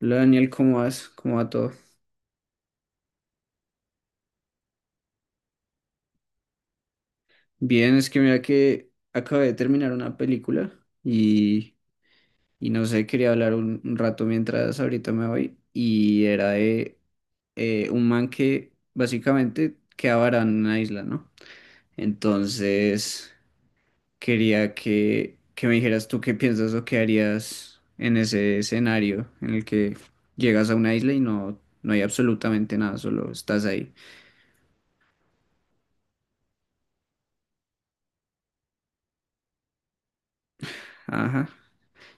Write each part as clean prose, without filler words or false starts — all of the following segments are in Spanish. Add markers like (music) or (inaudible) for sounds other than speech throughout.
Hola Daniel, ¿cómo vas? ¿Cómo va todo? Bien, es que mira que acabé de terminar una película y, y no sé, quería hablar un rato mientras ahorita me voy y era de un man que básicamente quedaba varado en una isla, ¿no? Entonces quería que me dijeras tú qué piensas o qué harías en ese escenario en el que llegas a una isla y no hay absolutamente nada, solo estás ahí. Ajá.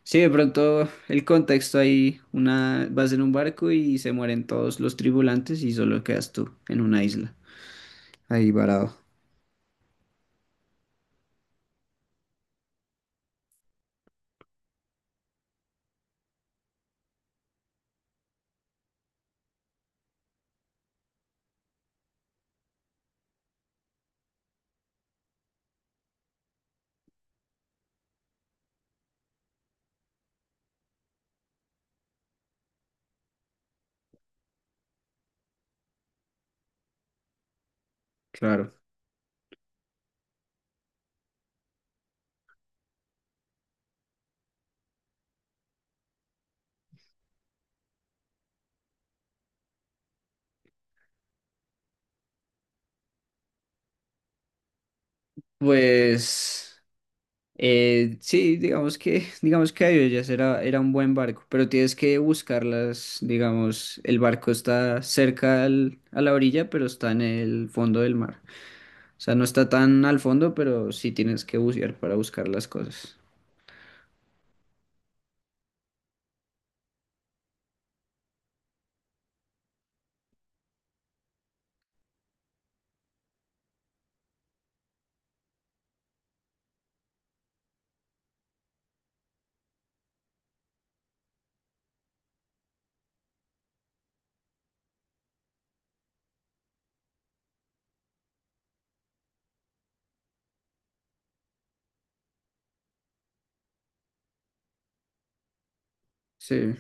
Sí, de pronto el contexto ahí, una, vas en un barco y se mueren todos los tripulantes y solo quedas tú en una isla. Ahí varado. Claro. Pues sí, digamos que, (laughs) digamos que Ayoyas era, era un buen barco, pero tienes que buscarlas, digamos, el barco está cerca al- a la orilla, pero está en el fondo del mar. O sea, no está tan al fondo, pero sí tienes que bucear para buscar las cosas. Sí.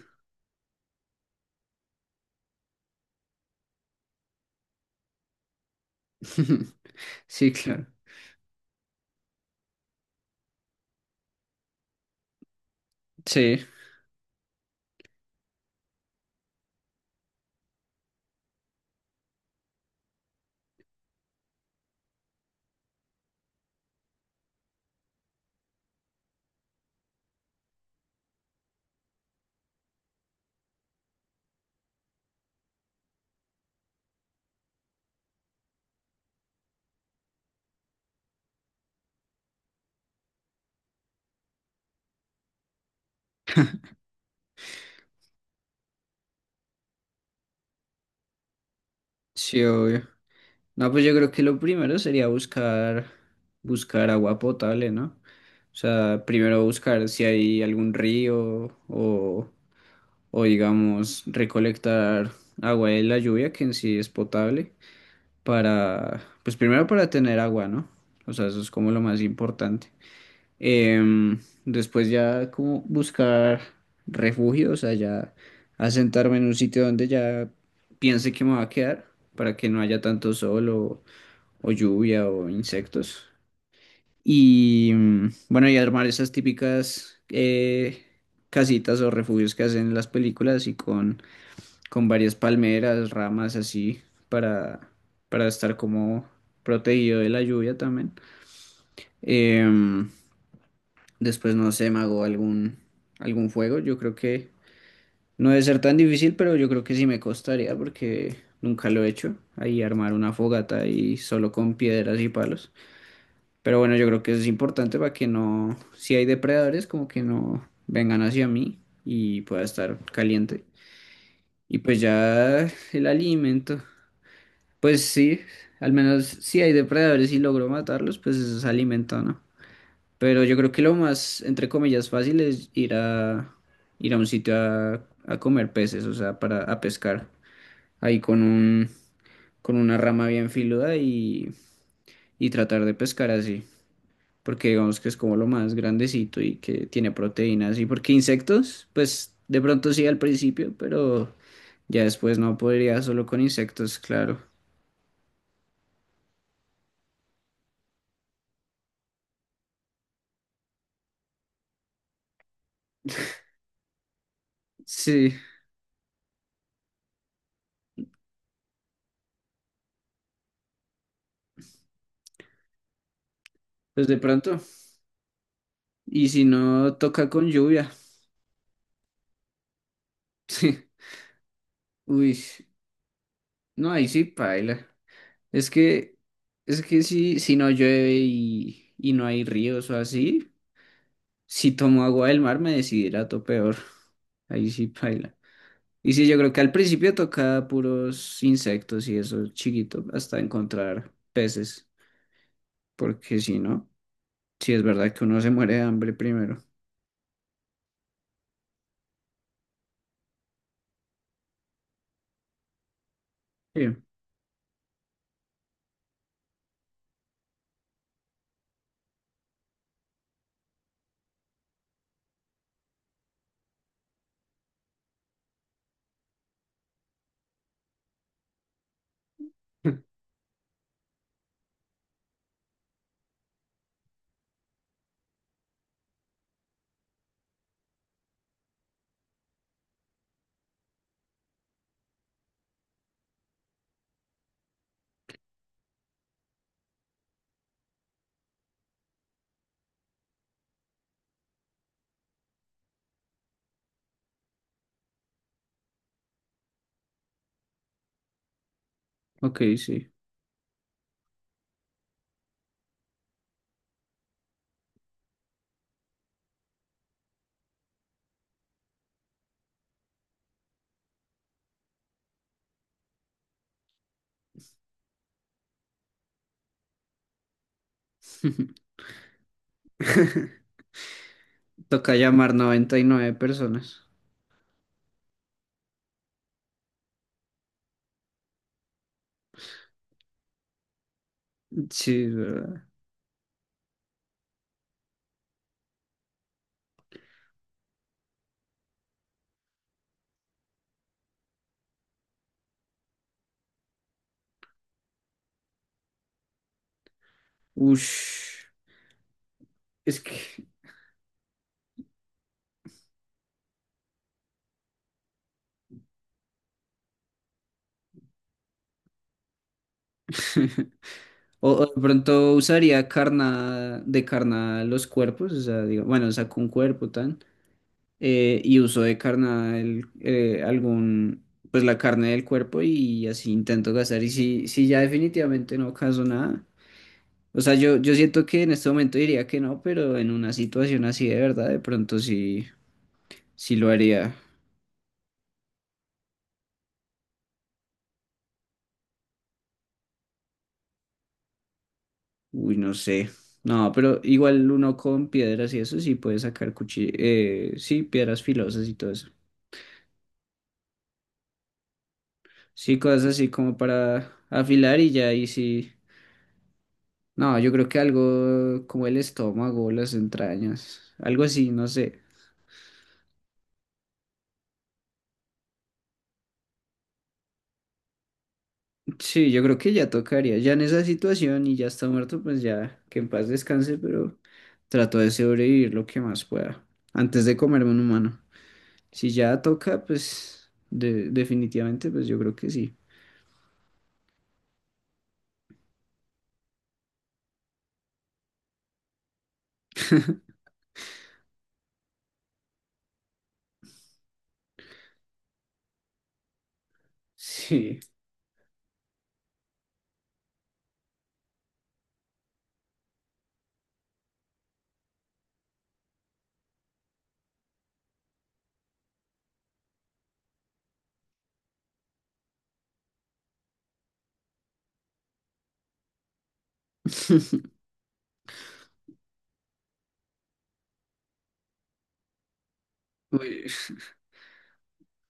(laughs) Sí, claro. Sí, sí, obvio. No, pues yo creo que lo primero sería buscar, buscar agua potable, ¿no? O sea, primero buscar si hay algún río o digamos, recolectar agua de la lluvia, que en sí es potable, para, pues primero para tener agua, ¿no? O sea, eso es como lo más importante. Después ya como buscar refugio, o sea, ya asentarme en un sitio donde ya piense que me va a quedar, para que no haya tanto sol o lluvia o insectos. Y mm, bueno, y armar esas típicas casitas o refugios que hacen en las películas y con varias palmeras, ramas así para, para estar como protegido de la lluvia también. Em, después, no sé, me hago algún, algún fuego. Yo creo que no debe ser tan difícil, pero yo creo que sí me costaría porque nunca lo he hecho. Ahí armar una fogata y solo con piedras y palos. Pero bueno, yo creo que eso es importante para que no, si hay depredadores, como que no vengan hacia mí y pueda estar caliente. Y pues ya el alimento, pues sí, al menos si hay depredadores y logro matarlos, pues eso es alimento, ¿no? Pero yo creo que lo más, entre comillas, fácil es ir a, ir a un sitio a comer peces, o sea, para a pescar. Ahí con un, con una rama bien filuda y tratar de pescar así. Porque digamos que es como lo más grandecito y que tiene proteínas. Y porque insectos, pues de pronto sí al principio, pero ya después no podría solo con insectos, claro. Sí, pues de pronto. Y si no toca con lluvia, (laughs) sí. Uy, no, ahí sí paila. Es que, es que si, si no llueve y no hay ríos o así, si tomo agua del mar me deshidrato peor. Ahí sí paila. Y sí, yo creo que al principio toca puros insectos y eso chiquito, hasta encontrar peces, porque si no, sí es verdad que uno se muere de hambre primero. Sí, (laughs) ok, sí. (laughs) Toca llamar 99 personas. Sí, es verdad. Ush, es que... (laughs) O, o de pronto usaría carna, de carnada los cuerpos, o sea, digo, bueno, saco un cuerpo tan. Y uso de carnal algún, pues la carne del cuerpo y así intento gastar. Y si, si ya definitivamente no caso nada, o sea, yo siento que en este momento diría que no, pero en una situación así de verdad, de pronto sí, sí lo haría. Uy, no sé. No, pero igual uno con piedras y eso sí puede sacar cuchillos, sí, piedras filosas y todo eso. Sí, cosas así como para afilar y ya ahí sí. No, yo creo que algo como el estómago, las entrañas, algo así, no sé. Sí, yo creo que ya tocaría, ya en esa situación y ya está muerto, pues ya que en paz descanse, pero trato de sobrevivir lo que más pueda antes de comerme un humano. Si ya toca, pues de- definitivamente, pues yo creo que sí. Sí. (laughs) Uy.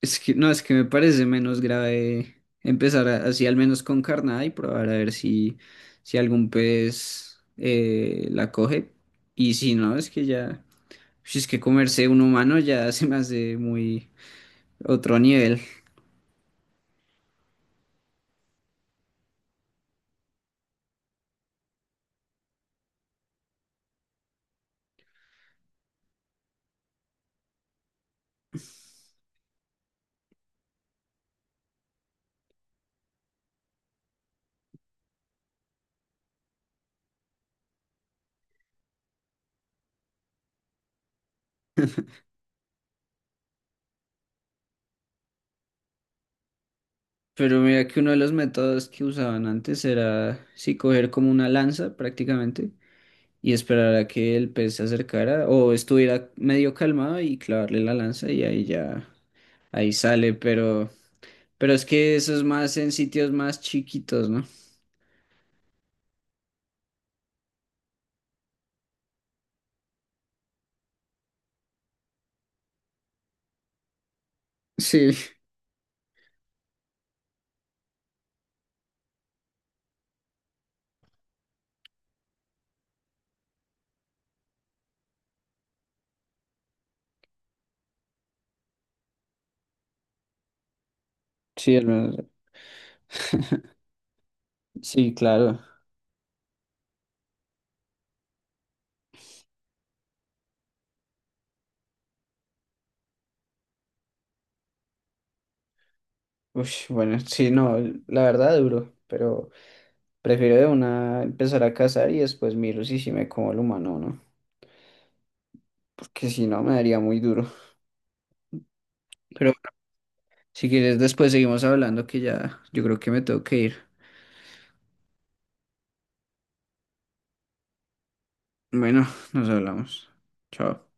Es que, no, es que me parece menos grave empezar a- así al menos con carnada y probar a ver si, si algún pez la coge. Y si no, es que ya, si es que comerse un humano ya (laughs) se me hace muy otro nivel. Pero mira que uno de los métodos que usaban antes era, sí, coger como una lanza prácticamente y esperar a que el pez se acercara o estuviera medio calmado y clavarle la lanza y ahí ya, ahí sale, pero... Pero es que eso es más en sitios más chiquitos, ¿no? Sí, sí, hermano. Sí, claro. Uy, bueno, sí, no, la verdad duro, pero prefiero de una empezar a cazar y después miro si sí me como el humano, ¿no? Porque si no me daría muy duro. Pero bueno, si quieres después seguimos hablando que ya yo creo que me tengo que ir. Bueno, nos hablamos. Chao.